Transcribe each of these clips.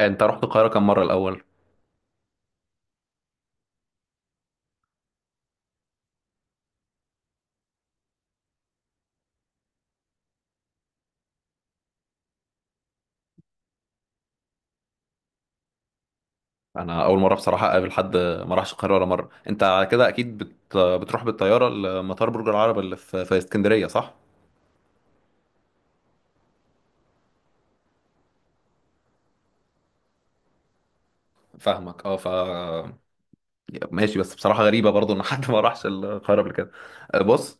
انت رحت القاهره كم مره الاول؟ انا اول مره بصراحه اقابل حد ما راحش القاهره ولا مره. انت على كده اكيد بتروح بالطياره لمطار برج العرب اللي في اسكندريه، صح؟ فاهمك اه. ماشي، بس بصراحه غريبه برضو ان حد ما راحش القاهره قبل كده. بص.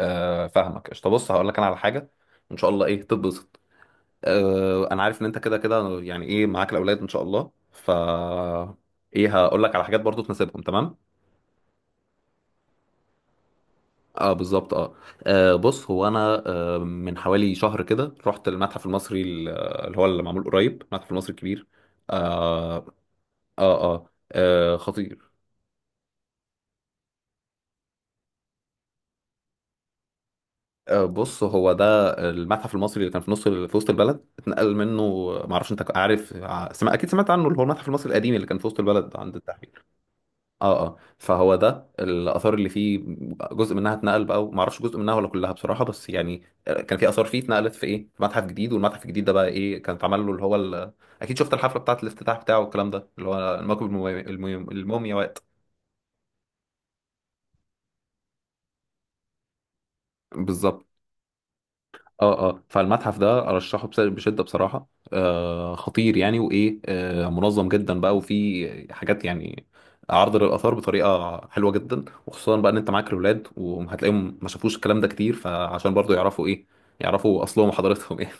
فاهمك قشطه، بص هقول لك انا على حاجه ان شاء الله ايه تتبسط. انا عارف ان انت كده كده يعني ايه معاك الاولاد ان شاء الله. ايه، هقول لك على حاجات برضو تناسبهم تمام. اه بالظبط اه. بص، هو انا من حوالي شهر كده رحت المتحف المصري اللي هو اللي معمول قريب المتحف المصري الكبير. اه اه, خطير. بص، هو ده المتحف المصري اللي كان في في وسط البلد اتنقل منه. ما اعرفش، انت عارف ع- سمع اكيد سمعت عنه، اللي هو المتحف المصري القديم اللي كان في وسط البلد عند التحرير. اه اه، فهو ده الاثار اللي فيه جزء منها اتنقل بقى. ما اعرفش جزء منها ولا كلها بصراحه، بس يعني كان في اثار فيه اتنقلت في ايه، في متحف جديد. والمتحف الجديد ده بقى ايه كان اتعمل له اللي هو اكيد شفت الحفله بتاعه الافتتاح بتاعه والكلام ده اللي هو الموكب المومياوات بالظبط. اه اه، فالمتحف ده ارشحه بشده بصراحه. خطير يعني. وايه، منظم جدا بقى وفي حاجات يعني عرض للاثار بطريقه حلوه جدا، وخصوصا بقى ان انت معاك الاولاد وهتلاقيهم ما شافوش الكلام ده كتير، فعشان برضو يعرفوا ايه، يعرفوا اصلهم وحضارتهم يعني.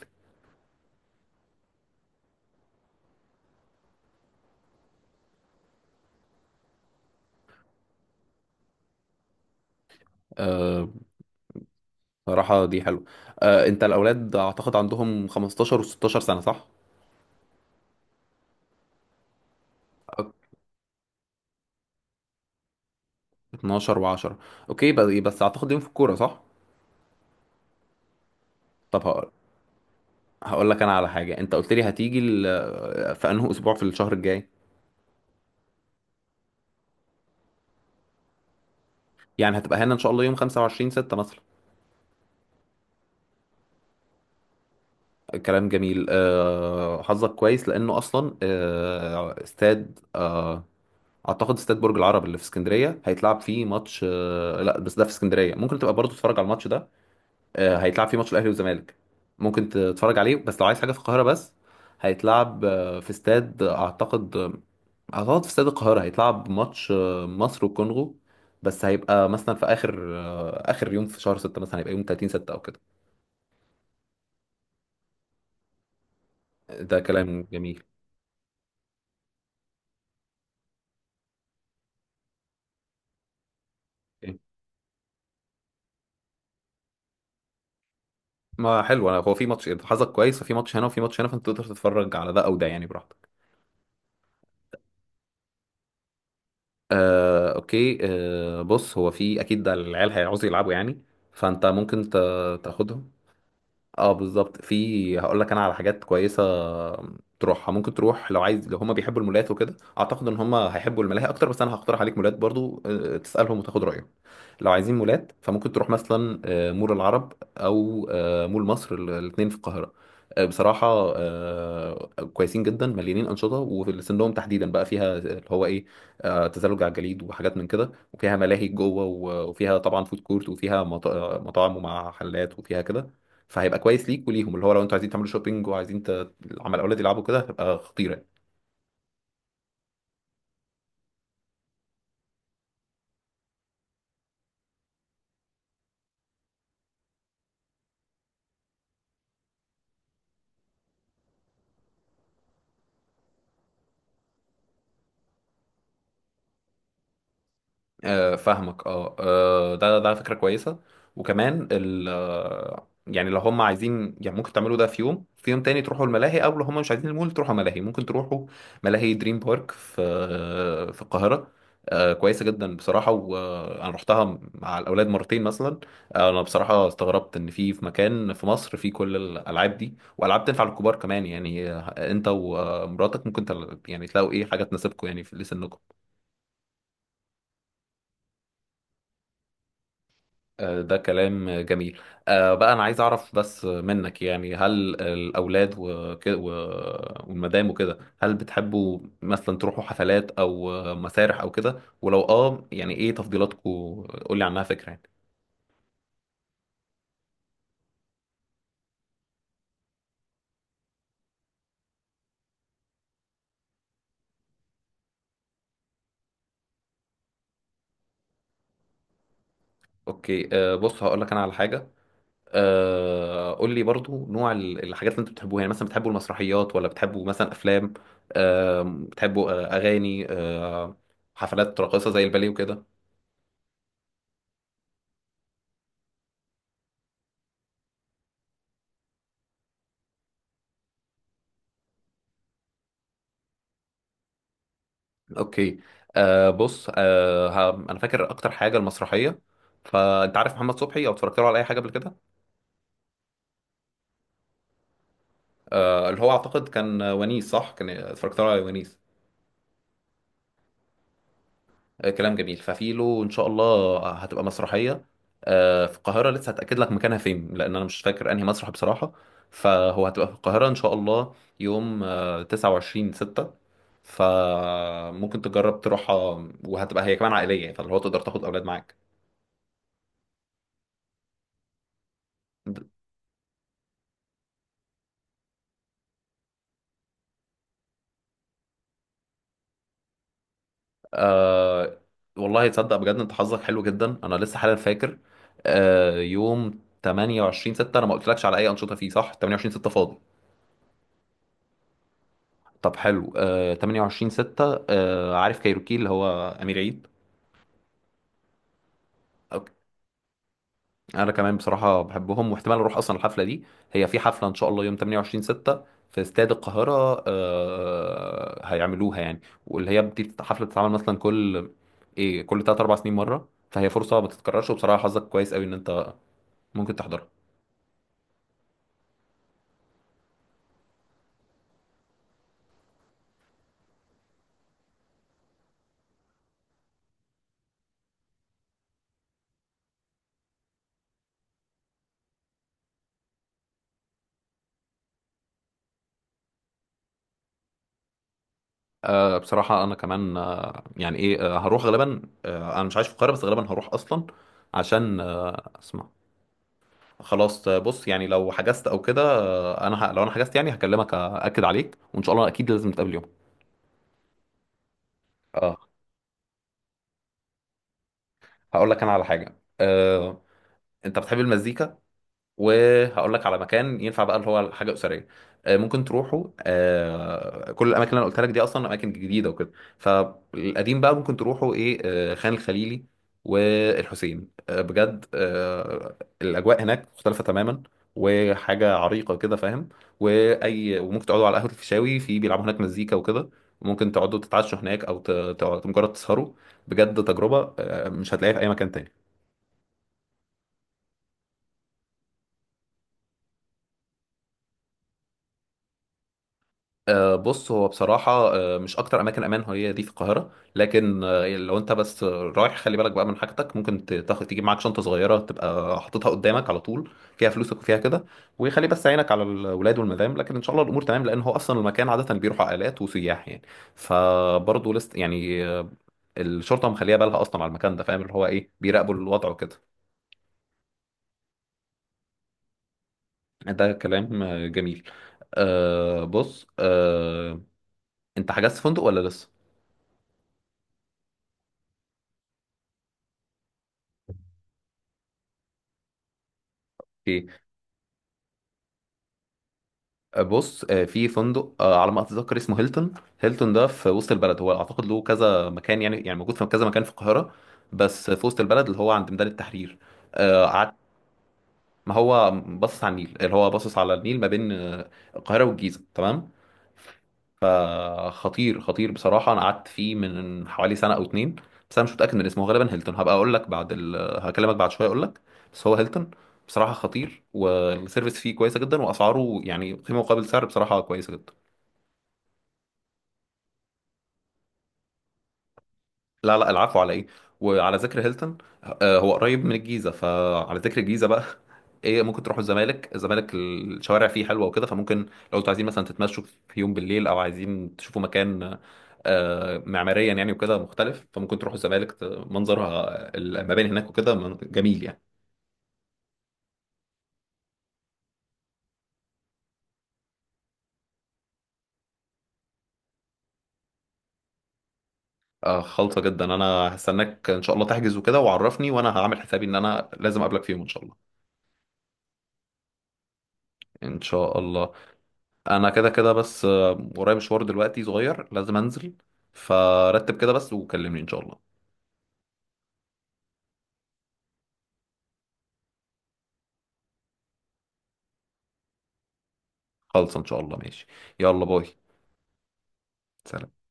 آه بصراحه دي حلوه. انت، الاولاد اعتقد عندهم 15 و16 سنه، صح؟ 12 و10، اوكي. بس بس اعتقد يوم في الكوره، صح؟ طب، هقول لك انا على حاجه. انت قلت لي هتيجي في انه اسبوع في الشهر الجاي. يعني هتبقى هنا ان شاء الله يوم 25 6 مثلا. كلام جميل. حظك كويس لانه اصلا استاد اعتقد استاد برج العرب اللي في اسكندريه هيتلعب فيه ماتش، لا، بس ده في اسكندريه، ممكن تبقى برضه تتفرج على الماتش ده. هيتلعب فيه ماتش الاهلي والزمالك، ممكن تتفرج عليه. بس لو عايز حاجه في القاهره بس، هيتلعب في استاد اعتقد هتقعد في استاد القاهرة، هيتلعب ماتش مصر والكونغو. بس هيبقى مثلا في آخر يوم في شهر ستة مثلا. هيبقى يوم 30 ستة أو كده. ده كلام جميل. إيه؟ ما حلو. أنا هو في ماتش، حظك كويس، ففي ماتش هنا وفي ماتش هنا، فأنت تقدر تتفرج على ده أو ده يعني، براحتك. أوكي. بص، هو في أكيد ده العيال هيعوزوا يلعبوا يعني، فأنت ممكن تاخدهم. اه بالظبط، في هقول لك انا على حاجات كويسه تروحها. ممكن تروح لو عايز، لو هما بيحبوا المولات وكده. اعتقد ان هما هيحبوا الملاهي اكتر، بس انا هقترح عليك مولات برضو. تسالهم وتاخد رايهم. لو عايزين مولات فممكن تروح مثلا مول العرب او مول مصر، الاثنين في القاهره. بصراحه كويسين جدا، مليانين انشطه، وسنهم تحديدا بقى فيها اللي هو ايه، تزلج على الجليد وحاجات من كده، وفيها ملاهي جوه وفيها طبعا فود كورت، وفيها مطاعم ومع حلات وفيها كده. فهيبقى كويس ليك وليهم، اللي هو لو انتوا عايزين تعملوا شوبينج وعايزين عمال الاولاد يلعبوا كده، هتبقى خطيره. فاهمك اه. ده فكرة كويسة. وكمان ال آه، يعني لو هم عايزين يعني ممكن تعملوا ده في يوم في يوم تاني تروحوا الملاهي، او لو هم مش عايزين المول تروحوا ملاهي، ممكن تروحوا ملاهي دريم بارك في القاهرة. كويسة جدا بصراحة، وانا رحتها مع الاولاد مرتين مثلا. انا بصراحة استغربت ان في مكان في مصر في كل الالعاب دي، والعاب تنفع للكبار كمان يعني. انت ومراتك ممكن يعني تلاقوا ايه حاجة تناسبكم يعني في لسنكم. ده كلام جميل. بقى أنا عايز أعرف بس منك يعني، هل الأولاد وكده والمدام وكده هل بتحبوا مثلا تروحوا حفلات أو مسارح أو كده. ولو يعني إيه تفضيلاتكم، قولي عنها فكرة يعني. أوكي. بص هقول لك أنا على حاجة. قول لي برضو نوع الحاجات اللي أنتوا بتحبوها، يعني مثلا بتحبوا المسرحيات ولا بتحبوا مثلا أفلام، بتحبوا أغاني، حفلات راقصة زي الباليه وكده. اوكي. بص، انا فاكر اكتر حاجه المسرحيه. فانت عارف محمد صبحي، او اتفرجت له على اي حاجه قبل كده؟ اللي هو اعتقد كان ونيس، صح، كان اتفرجت له على ونيس. كلام جميل. ففي له ان شاء الله هتبقى مسرحيه في القاهره. لسه هتاكد لك مكانها فين لان انا مش فاكر انهي مسرح بصراحه. فهو هتبقى في القاهره ان شاء الله يوم 29 6، فممكن تجرب تروحها. وهتبقى هي كمان عائليه، فاللي هو تقدر تاخد اولاد معاك. آه والله تصدق بجد، انت حظك حلو جدا، انا لسه حالا فاكر يوم 28 6 انا ما قلتلكش على اي انشطه فيه، صح؟ 28 6 فاضي. طب حلو. 28 6، عارف كايروكي اللي هو امير عيد؟ أوكي. انا كمان بصراحه بحبهم، واحتمال اروح اصلا الحفله دي. هي في حفله ان شاء الله يوم 28 6 في استاد القاهره، هيعملوها يعني. واللي هي دي حفله بتتعمل مثلا كل ايه، كل 3 4 سنين مره، فهي فرصه ما تتكررش، وبصراحه حظك كويس قوي ان انت ممكن تحضرها. بصراحة أنا كمان يعني إيه، هروح غالبا. أنا مش عايش في القاهرة بس غالبا هروح أصلا عشان أسمع. خلاص. بص يعني لو حجزت أو كده، أنا لو أنا حجزت يعني هكلمك أكد عليك، وإن شاء الله أكيد لازم نتقابل يوم. أه هقول لك أنا على حاجة أنت بتحب المزيكا، وهقول لك على مكان ينفع بقى اللي هو حاجه اسريه. ممكن تروحوا كل الاماكن اللي انا قلت لك دي اصلا اماكن جديده وكده، فالقديم بقى ممكن تروحوا ايه، خان الخليلي والحسين. بجد الاجواء هناك مختلفه تماما، وحاجه عريقه كده، فاهم. واي، وممكن تقعدوا على قهوه الفيشاوي، في بيلعبوا هناك مزيكا وكده. وممكن تقعدوا تتعشوا هناك، او مجرد تسهروا. بجد تجربه مش هتلاقيها في اي مكان تاني. بص، هو بصراحة مش أكتر أماكن أمان هي دي في القاهرة، لكن لو أنت بس رايح خلي بالك بقى من حاجتك. ممكن تجيب معاك شنطة صغيرة تبقى حاططها قدامك على طول، فيها فلوسك وفيها كده. وخلي بس عينك على الولاد والمدام، لكن إن شاء الله الأمور تمام، لأن هو أصلا المكان عادة بيروح عائلات وسياح يعني. فبرضه لست يعني الشرطة مخليها بالها أصلا على المكان ده، فاهم، اللي هو إيه بيراقبوا الوضع وكده. ده كلام جميل. بص، أنت حجزت فندق ولا لسه؟ بص، في فندق على ما اتذكر اسمه هيلتون. هيلتون ده في وسط البلد، هو اعتقد له كذا مكان، يعني موجود في كذا مكان في القاهره، بس في وسط البلد اللي هو عند ميدان التحرير. قعدت. ما هو باصص على النيل، اللي هو باصص على النيل ما بين القاهره والجيزه، تمام. فخطير خطير بصراحه، انا قعدت فيه من حوالي سنه او اتنين. بس انا مش متاكد من اسمه، غالبا هيلتون. هبقى اقول لك بعد هكلمك بعد شويه اقول لك، بس هو هيلتون. بصراحه خطير، والسيرفيس فيه كويسه جدا، واسعاره يعني قيمه مقابل سعر بصراحه كويسه جدا. لا لا، العفو على ايه. وعلى ذكر هيلتون هو قريب من الجيزه، فعلى ذكر الجيزه بقى ايه، ممكن تروحوا الزمالك. الشوارع فيه حلوه وكده، فممكن لو انتوا عايزين مثلا تتمشوا في يوم بالليل، او عايزين تشوفوا مكان معماريا يعني وكده مختلف، فممكن تروحوا الزمالك. منظرها المباني هناك وكده جميل يعني. خالصه جدا، انا هستناك ان شاء الله تحجز وكده وعرفني، وانا هعمل حسابي ان انا لازم اقابلك في يوم ان شاء الله. ان شاء الله. انا كده كده بس ورايا مشوار دلوقتي صغير لازم انزل. فرتب كده بس وكلمني ان شاء الله. خلص، ان شاء الله ماشي. يلا باي. سلام.